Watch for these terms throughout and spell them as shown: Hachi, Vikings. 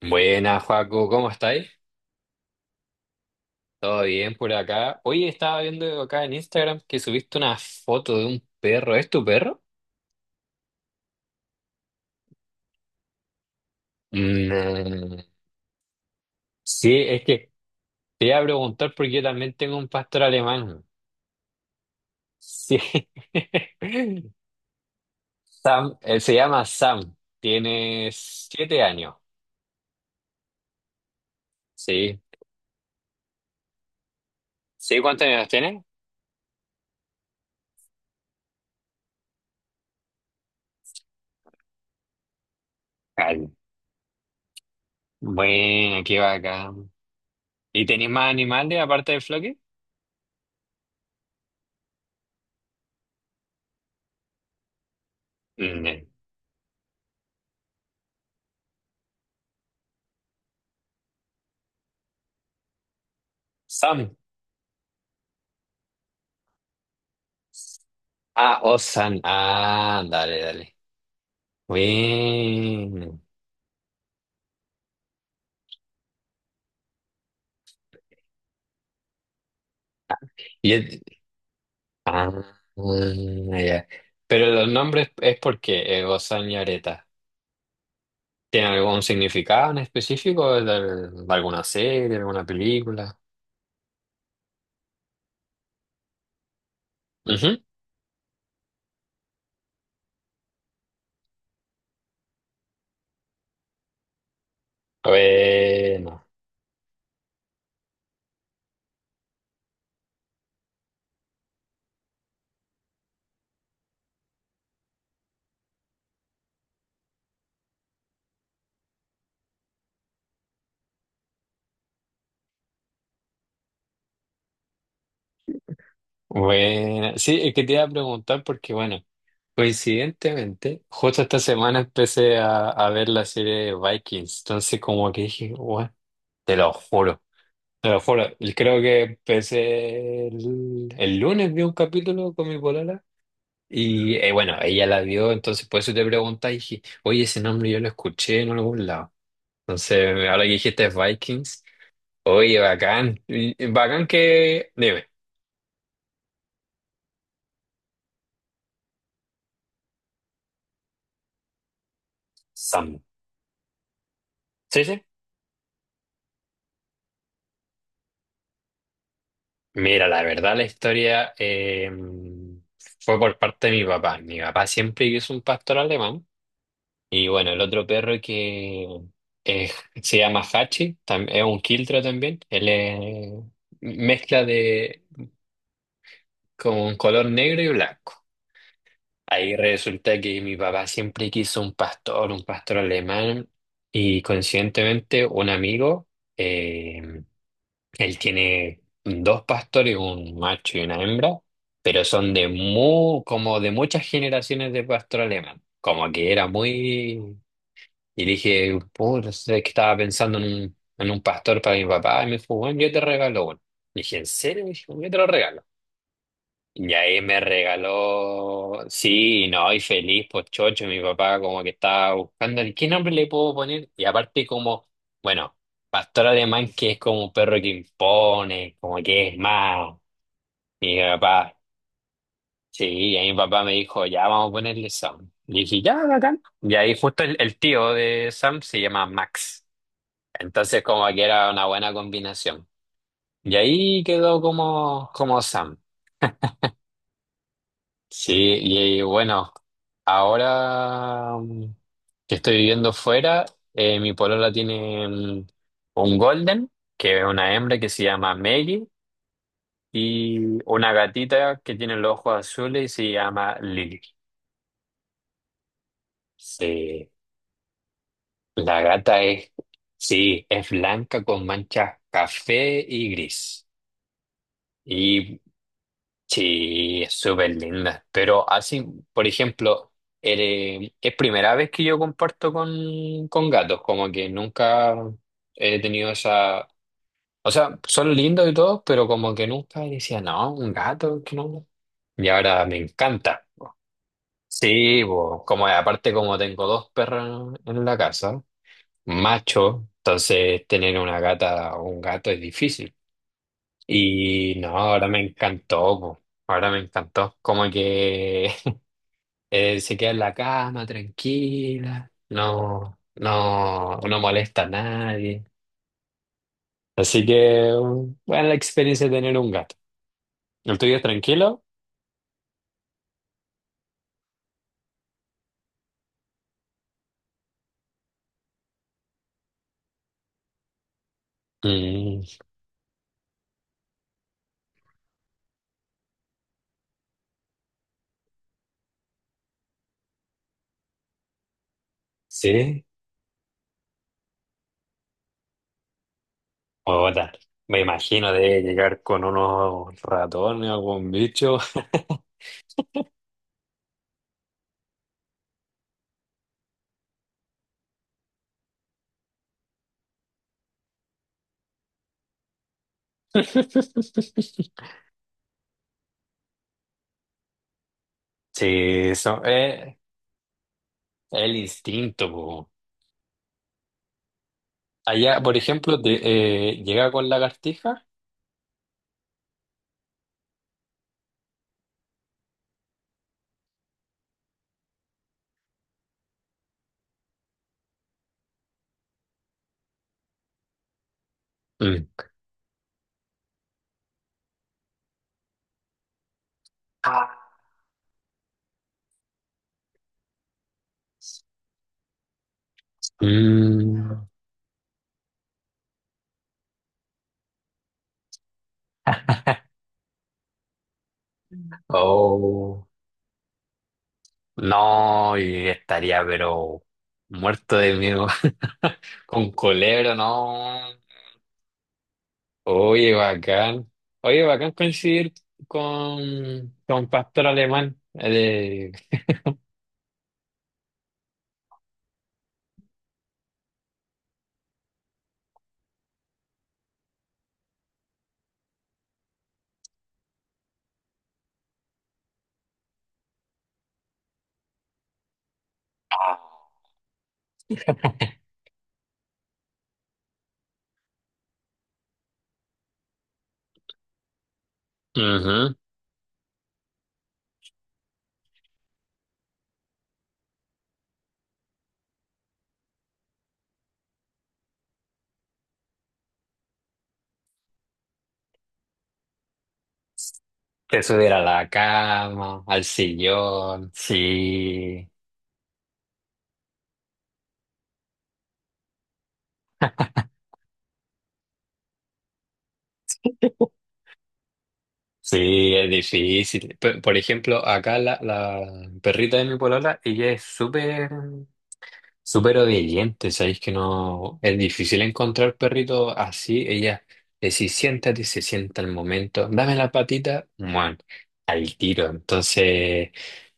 Buenas, Joaco, ¿cómo estáis? ¿Todo bien por acá? Hoy estaba viendo acá en Instagram que subiste una foto de un perro. ¿Es tu perro? Mm, sí, es que te iba a preguntar porque yo también tengo un pastor alemán. Sí. Sam, él se llama Sam. Tiene 7 años. Sí. ¿Sí? ¿Cuántos años tiene? Ay, bueno, qué bacán. ¿Y tenéis más animales aparte del Floki? Mm. Sam. Ah, Osan. Ah, dale, dale. Bien. Y es- ah, ah, ya. Pero los nombres es porque Osan y Areta. ¿Tiene algún significado en específico de alguna serie, de alguna película? Ujú. Bueno, bueno. Sí, es que te iba a preguntar porque, bueno, coincidentemente, justo esta semana empecé a ver la serie de Vikings. Entonces, como que dije, bueno, te lo juro. Te lo juro, y creo que empecé el lunes, vi un capítulo con mi polola y bueno, ella la vio, entonces por eso te pregunté y dije, oye, ese nombre yo lo escuché en algún lado. Entonces, ahora que dijiste Vikings, oye, bacán, y bacán que... Dime, Sam. Sí, sí. Mira, la verdad la historia fue por parte de mi papá. Mi papá siempre quiso un pastor alemán. Y bueno, el otro perro que eh, se llama Hachi, tam- es un quiltro también. Él es mezcla de con color negro y blanco. Ahí resulta que mi papá siempre quiso un pastor alemán, y coincidentemente un amigo, eh, él tiene 2 pastores, un macho y una hembra, pero son de mu- como de muchas generaciones de pastor alemán. Como que era muy. Y le dije, puta, es que estaba pensando en un pastor para mi papá. Y me dijo, bueno, yo te regalo uno. Le dije, ¿en serio? Y dijo, yo te lo regalo. Y ahí me regaló, sí, y no, y feliz, pues chocho, mi papá como que estaba buscando, ¿qué nombre le puedo poner? Y aparte como, bueno, pastor alemán que es como un perro que impone, como que es más, mi papá, sí, y ahí mi papá me dijo, ya vamos a ponerle Sam. Y dije, ya, bacán. Y ahí justo el tío de Sam se llama Max. Entonces, como que era una buena combinación. Y ahí quedó como, como Sam. Sí, y bueno, ahora que estoy viviendo fuera, mi polola tiene un golden, que es una hembra que se llama Maggie, y una gatita que tiene los ojos azules y se llama Lily. Sí, la gata es, sí, es blanca con manchas café y gris. Y sí, es súper linda. Pero así, por ejemplo, es primera vez que yo comparto con gatos, como que nunca he tenido esa... O sea, son lindos y todo, pero como que nunca decía, no, un gato, que no. Y ahora me encanta. Sí, bo, como aparte como tengo 2 perros en la casa, macho, entonces tener una gata o un gato es difícil. Y no, ahora me encantó, bo. Ahora me encantó. Como que se queda en la cama tranquila, no molesta a nadie. Así que, buena la experiencia de tener un gato. ¿El tuyo es tranquilo? Mm, sí. Puta, me imagino de llegar con unos ratones o algún bicho. Sí, eso es el instinto po. Allá, por ejemplo, te, llega con lagartija. Mm. Mm. Oh. No, y estaría pero muerto de miedo. Con Colebro, no. Oye, bacán. Oye, bacán coincidir con Pastor Alemán. Ujú. Te subir a la cama, al sillón. Sí, sí, es difícil. P- Por, ejemplo, acá la perrita de mi polola, ella es súper. Súper obediente, sabéis que no es difícil encontrar perritos así. Ella le si siéntate, se sienta al momento, dame la patita, muan, al tiro. Entonces,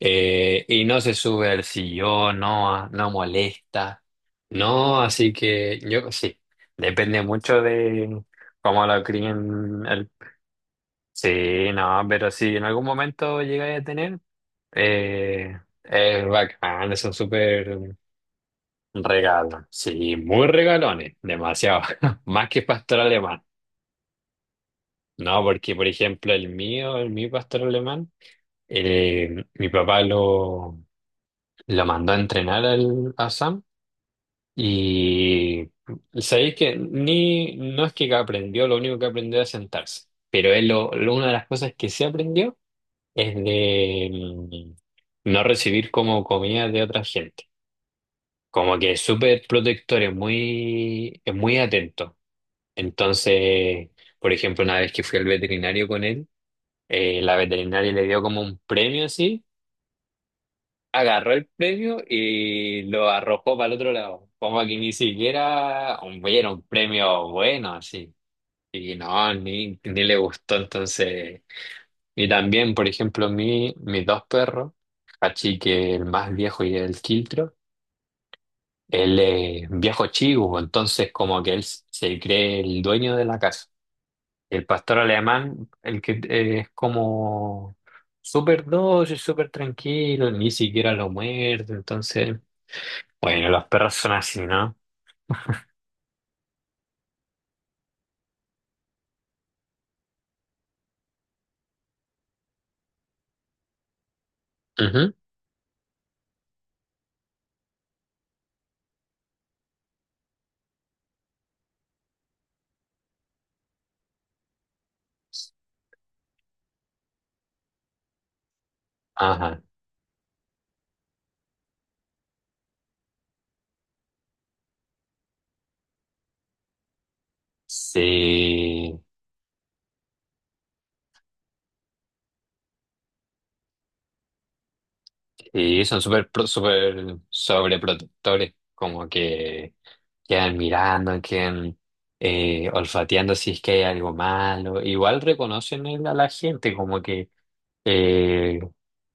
y no se sube al sillón, no molesta, no. Así que yo sí, depende mucho de cómo lo críen. El... Sí, no, pero si en algún momento llegáis a tener, es bacán, son súper. Regalo, sí, muy regalones, demasiado, más que pastor alemán. No, porque por ejemplo el mío, el mi pastor alemán, mi papá lo mandó a entrenar al, a Sam y sabéis que ni, no es que aprendió, lo único que aprendió es sentarse, pero él lo- una de las cosas que sí aprendió es de no recibir como comida de otra gente. Como que es súper protector, es es muy atento. Entonces, por ejemplo, una vez que fui al veterinario con él, la veterinaria le dio como un premio así, agarró el premio y lo arrojó para el otro lado, como que ni siquiera un, era un premio bueno así. Y no, ni, ni le gustó entonces. Y también, por ejemplo, mi, mis 2 perros, Hachi, que el más viejo y el Quiltro, él es viejo chivo, entonces como que él se cree el dueño de la casa. El pastor alemán, el que es como súper dócil, súper tranquilo, ni siquiera lo muerde. Entonces, bueno, los perros son así, ¿no? Ujú. Ajá. Sí, sí, son súper pro- súper sobreprotectores, como que quedan mirando, quedan olfateando si es que hay algo malo. Igual reconocen el- a la gente, como que eh,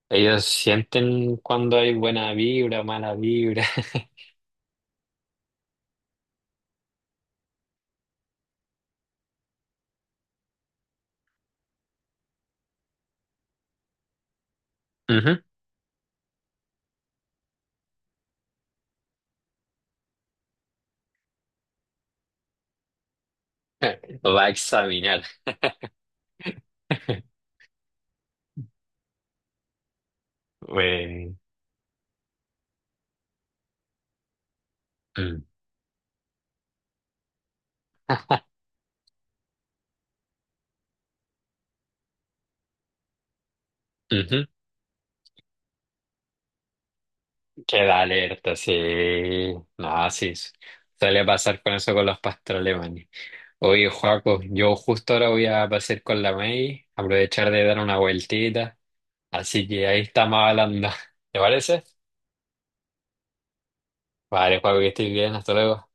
ellos sienten cuando hay buena vibra, mala vibra. Ujú. Lo va a examinar. Bueno. Mm. Ujú. Queda alerta, sí. No, sí. s- Suele pasar con eso con los pastos alemanes. Oye, Joaco, yo justo ahora voy a pasar con la May, aprovechar de dar una vueltita. Así que ahí estamos hablando. ¿Te parece? Vale, Joaco, que estés bien. Hasta luego.